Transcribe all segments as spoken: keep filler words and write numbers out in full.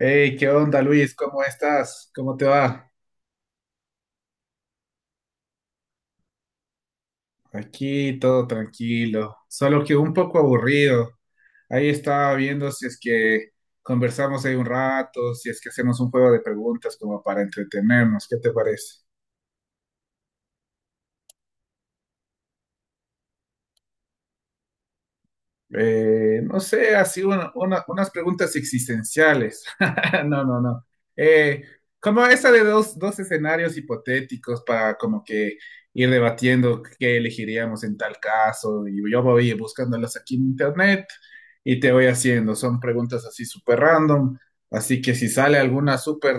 Hey, ¿qué onda, Luis? ¿Cómo estás? ¿Cómo te va? Aquí todo tranquilo, solo que un poco aburrido. Ahí estaba viendo si es que conversamos ahí un rato, si es que hacemos un juego de preguntas como para entretenernos. ¿Qué te parece? Eh, no sé, así una- una- unas preguntas existenciales. No, no, no. Eh, Como esa de dos, dos escenarios hipotéticos para como que ir debatiendo qué elegiríamos en tal caso. Y yo voy buscándolas aquí en internet y te voy haciendo. Son preguntas así súper random. Así que si sale alguna súper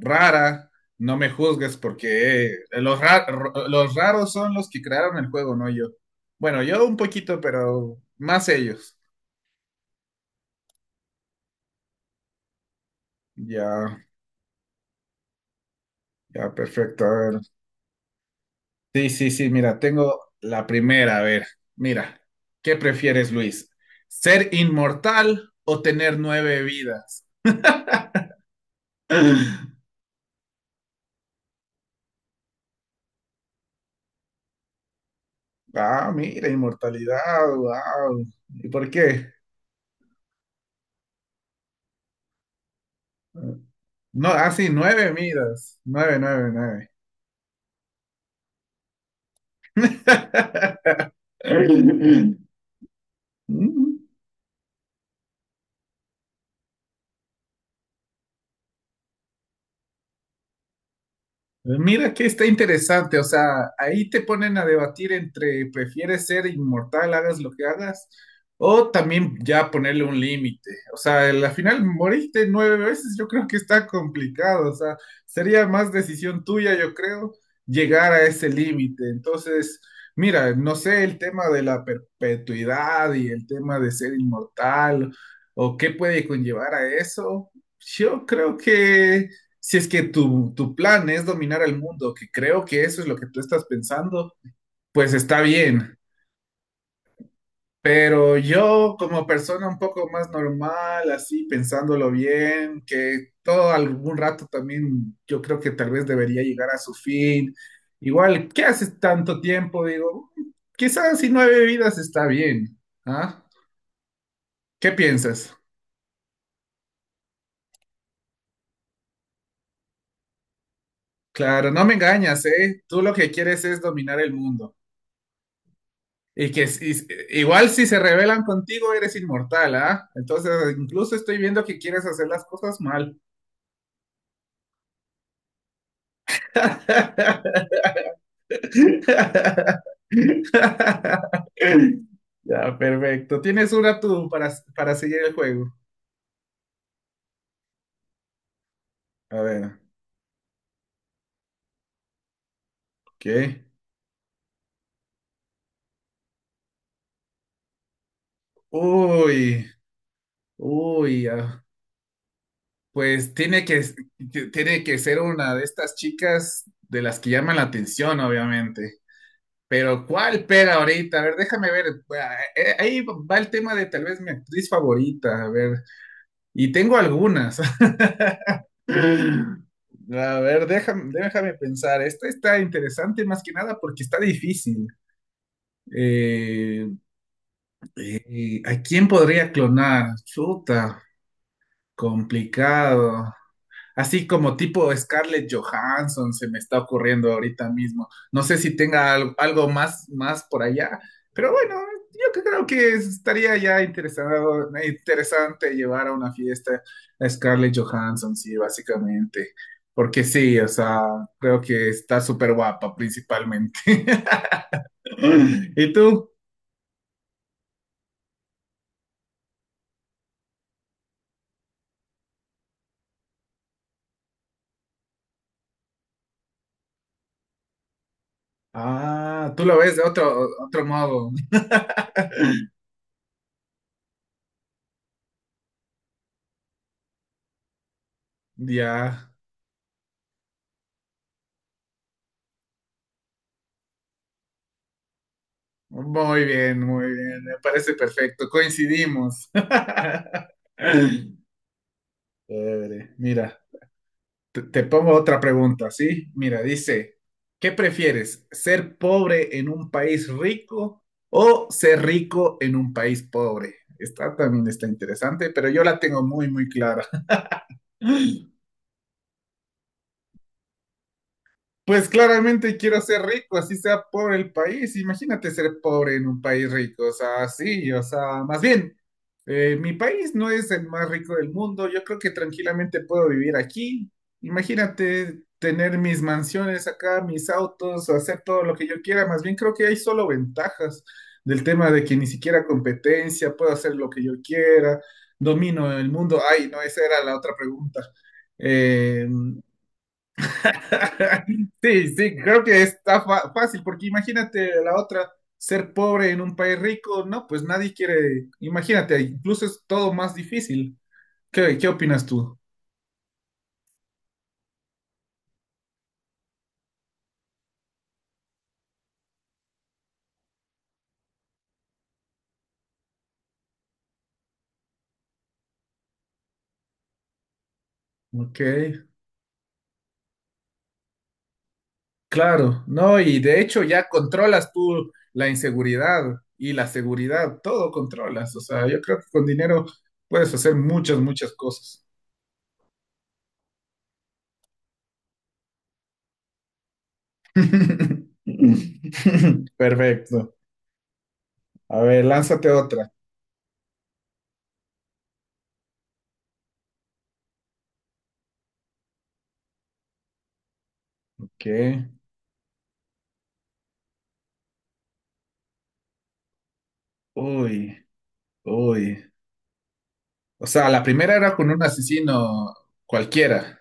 rara, no me juzgues porque eh, los, ra- los raros son los que crearon el juego, no yo. Bueno, yo un poquito, pero más ellos. Ya, ya, perfecto. A ver. Sí, sí, sí, mira, tengo la primera. A ver, mira, ¿qué prefieres, Luis? ¿Ser inmortal o tener nueve vidas? Ah, mira, inmortalidad, wow. ¿Y por qué? No, ah, Sí, nueve vidas. Nueve, nueve, nueve. Mira que está interesante, o sea, ahí te ponen a debatir entre prefieres ser inmortal, hagas lo que hagas, o también ya ponerle un límite. O sea, al final moriste nueve veces, yo creo que está complicado, o sea, sería más decisión tuya, yo creo, llegar a ese límite. Entonces, mira, no sé el tema de la perpetuidad y el tema de ser inmortal, o qué puede conllevar a eso. Yo creo que si es que tu, tu plan es dominar el mundo, que creo que eso es lo que tú estás pensando, pues está bien. Pero yo como persona un poco más normal, así pensándolo bien, que todo algún rato también yo creo que tal vez debería llegar a su fin. Igual, ¿qué haces tanto tiempo? Digo, quizás si nueve vidas está bien. ¿Ah? ¿Qué piensas? Claro, no me engañas, ¿eh? Tú lo que quieres es dominar el mundo. Y que si- igual si se rebelan contigo eres inmortal, ¿ah? Entonces incluso estoy viendo que quieres hacer las cosas mal. Ya, perfecto. Tienes una tú para, para seguir el juego. A ver, ok. Uy, uy, ah, Pues tiene que, tiene que ser una de estas chicas de las que llaman la atención, obviamente. Pero ¿cuál pega ahorita? A ver, déjame ver. Eh, eh, Ahí va el tema de tal vez mi actriz favorita. A ver, y tengo algunas. A ver, déjame, déjame pensar. Esta está interesante más que nada porque está difícil. Eh, eh, ¿A quién podría clonar? Chuta, complicado. Así como tipo Scarlett Johansson se me está ocurriendo ahorita mismo. No sé si tenga al- algo más, más por allá, pero bueno, yo que creo que estaría ya interesado, interesante llevar a una fiesta a Scarlett Johansson, sí, básicamente. Porque sí, o sea, creo que está súper guapa principalmente. ¿Y tú? Ah, tú lo ves de otro, otro modo. Ya. Muy bien, muy bien. Me parece perfecto. Coincidimos. Chévere. Mira, te, te pongo otra pregunta, ¿sí? Mira, dice, ¿qué prefieres? ¿Ser pobre en un país rico o ser rico en un país pobre? Esta también está interesante, pero yo la tengo muy, muy clara. Pues claramente quiero ser rico, así sea pobre el país. Imagínate ser pobre en un país rico, o sea, sí, o sea, más bien, eh, mi país no es el más rico del mundo, yo creo que tranquilamente puedo vivir aquí. Imagínate tener mis mansiones acá, mis autos, hacer todo lo que yo quiera, más bien creo que hay solo ventajas del tema de que ni siquiera competencia, puedo hacer lo que yo quiera, domino el mundo. Ay, no, esa era la otra pregunta. Eh, Sí, sí, creo que está fa- fácil, porque imagínate la otra, ser pobre en un país rico, no, pues nadie quiere, imagínate, incluso es todo más difícil. ¿Qué, qué opinas tú? Ok, claro, no, y de hecho ya controlas tú la inseguridad y la seguridad, todo controlas, o sea, yo creo que con dinero puedes hacer muchas, muchas cosas. Perfecto. A ver, lánzate otra. Ok, uy, uy. O sea, la primera era con un asesino cualquiera.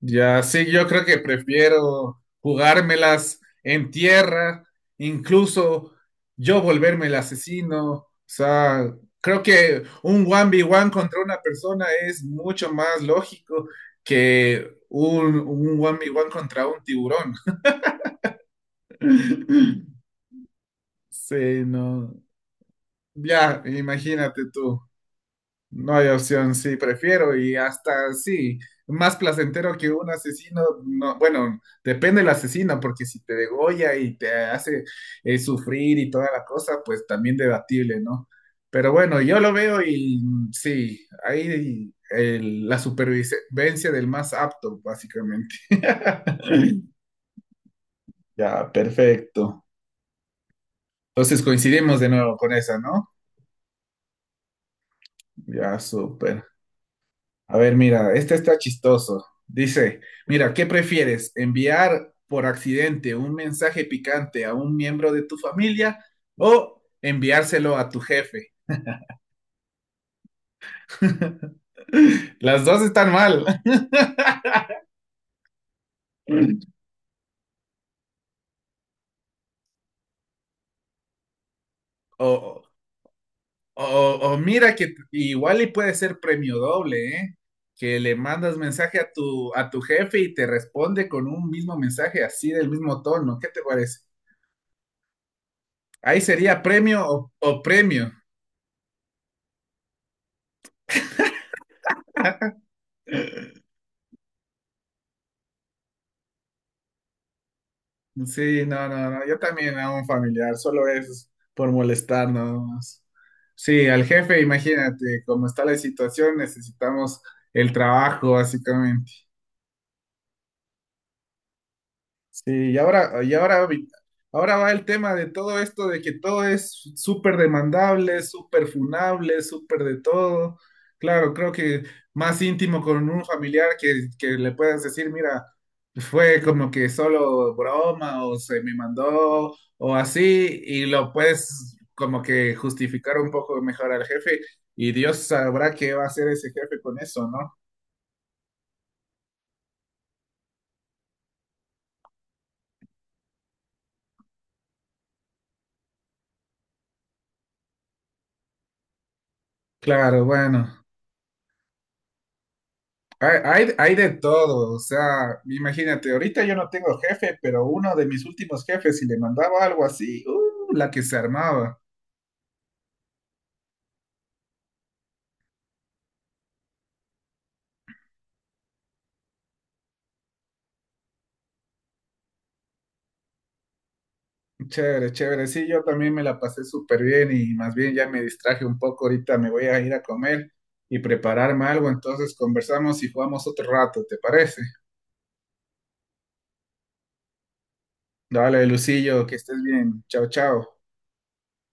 Ya sí, yo creo que prefiero jugármelas en tierra, incluso yo volverme el asesino. O sea, creo que un uno ve uno contra una persona es mucho más lógico que un, un uno ve uno contra un tiburón. Sí, no. Ya, imagínate tú. No hay opción, sí, prefiero y hasta sí, más placentero que un asesino, no, bueno, depende del asesino, porque si te degolla y te hace eh, sufrir y toda la cosa, pues también debatible, ¿no? Pero bueno, yo lo veo y mm, sí, ahí el- la supervivencia del más apto, básicamente. Ya, perfecto. Entonces coincidimos de nuevo con esa, ¿no? Ya, súper. A ver, mira, este está chistoso. Dice, mira, ¿qué prefieres? ¿Enviar por accidente un mensaje picante a un miembro de tu familia o enviárselo a tu jefe? Las dos están mal. O, o- o mira que igual y puede ser premio doble, ¿eh? Que le mandas mensaje a tu, a tu jefe y te responde con un mismo mensaje así del mismo tono. ¿Qué te parece? Ahí sería premio o, o premio. Sí, no, no, no, yo también a un familiar, solo es por molestar nada más. Sí, al jefe, imagínate, como está la situación, necesitamos el trabajo, básicamente. Sí, y ahora, y ahora, ahora va el tema de todo esto, de que todo es súper demandable, súper funable, súper de todo. Claro, creo que más íntimo con un familiar que, que le puedas decir, mira, fue como que solo broma o se me mandó o así, y lo puedes como que justificar un poco mejor al jefe y Dios sabrá qué va a hacer ese jefe con eso, ¿no? Claro, bueno. Hay, hay- Hay de todo, o sea, imagínate, ahorita yo no tengo jefe, pero uno de mis últimos jefes, si le mandaba algo así, ¡uh! La que se armaba. Chévere, chévere, sí, yo también me la pasé súper bien y más bien ya me distraje un poco, ahorita me voy a ir a comer y prepararme algo, entonces conversamos y jugamos otro rato, ¿te parece? Dale, Lucillo, que estés bien, chao, chao.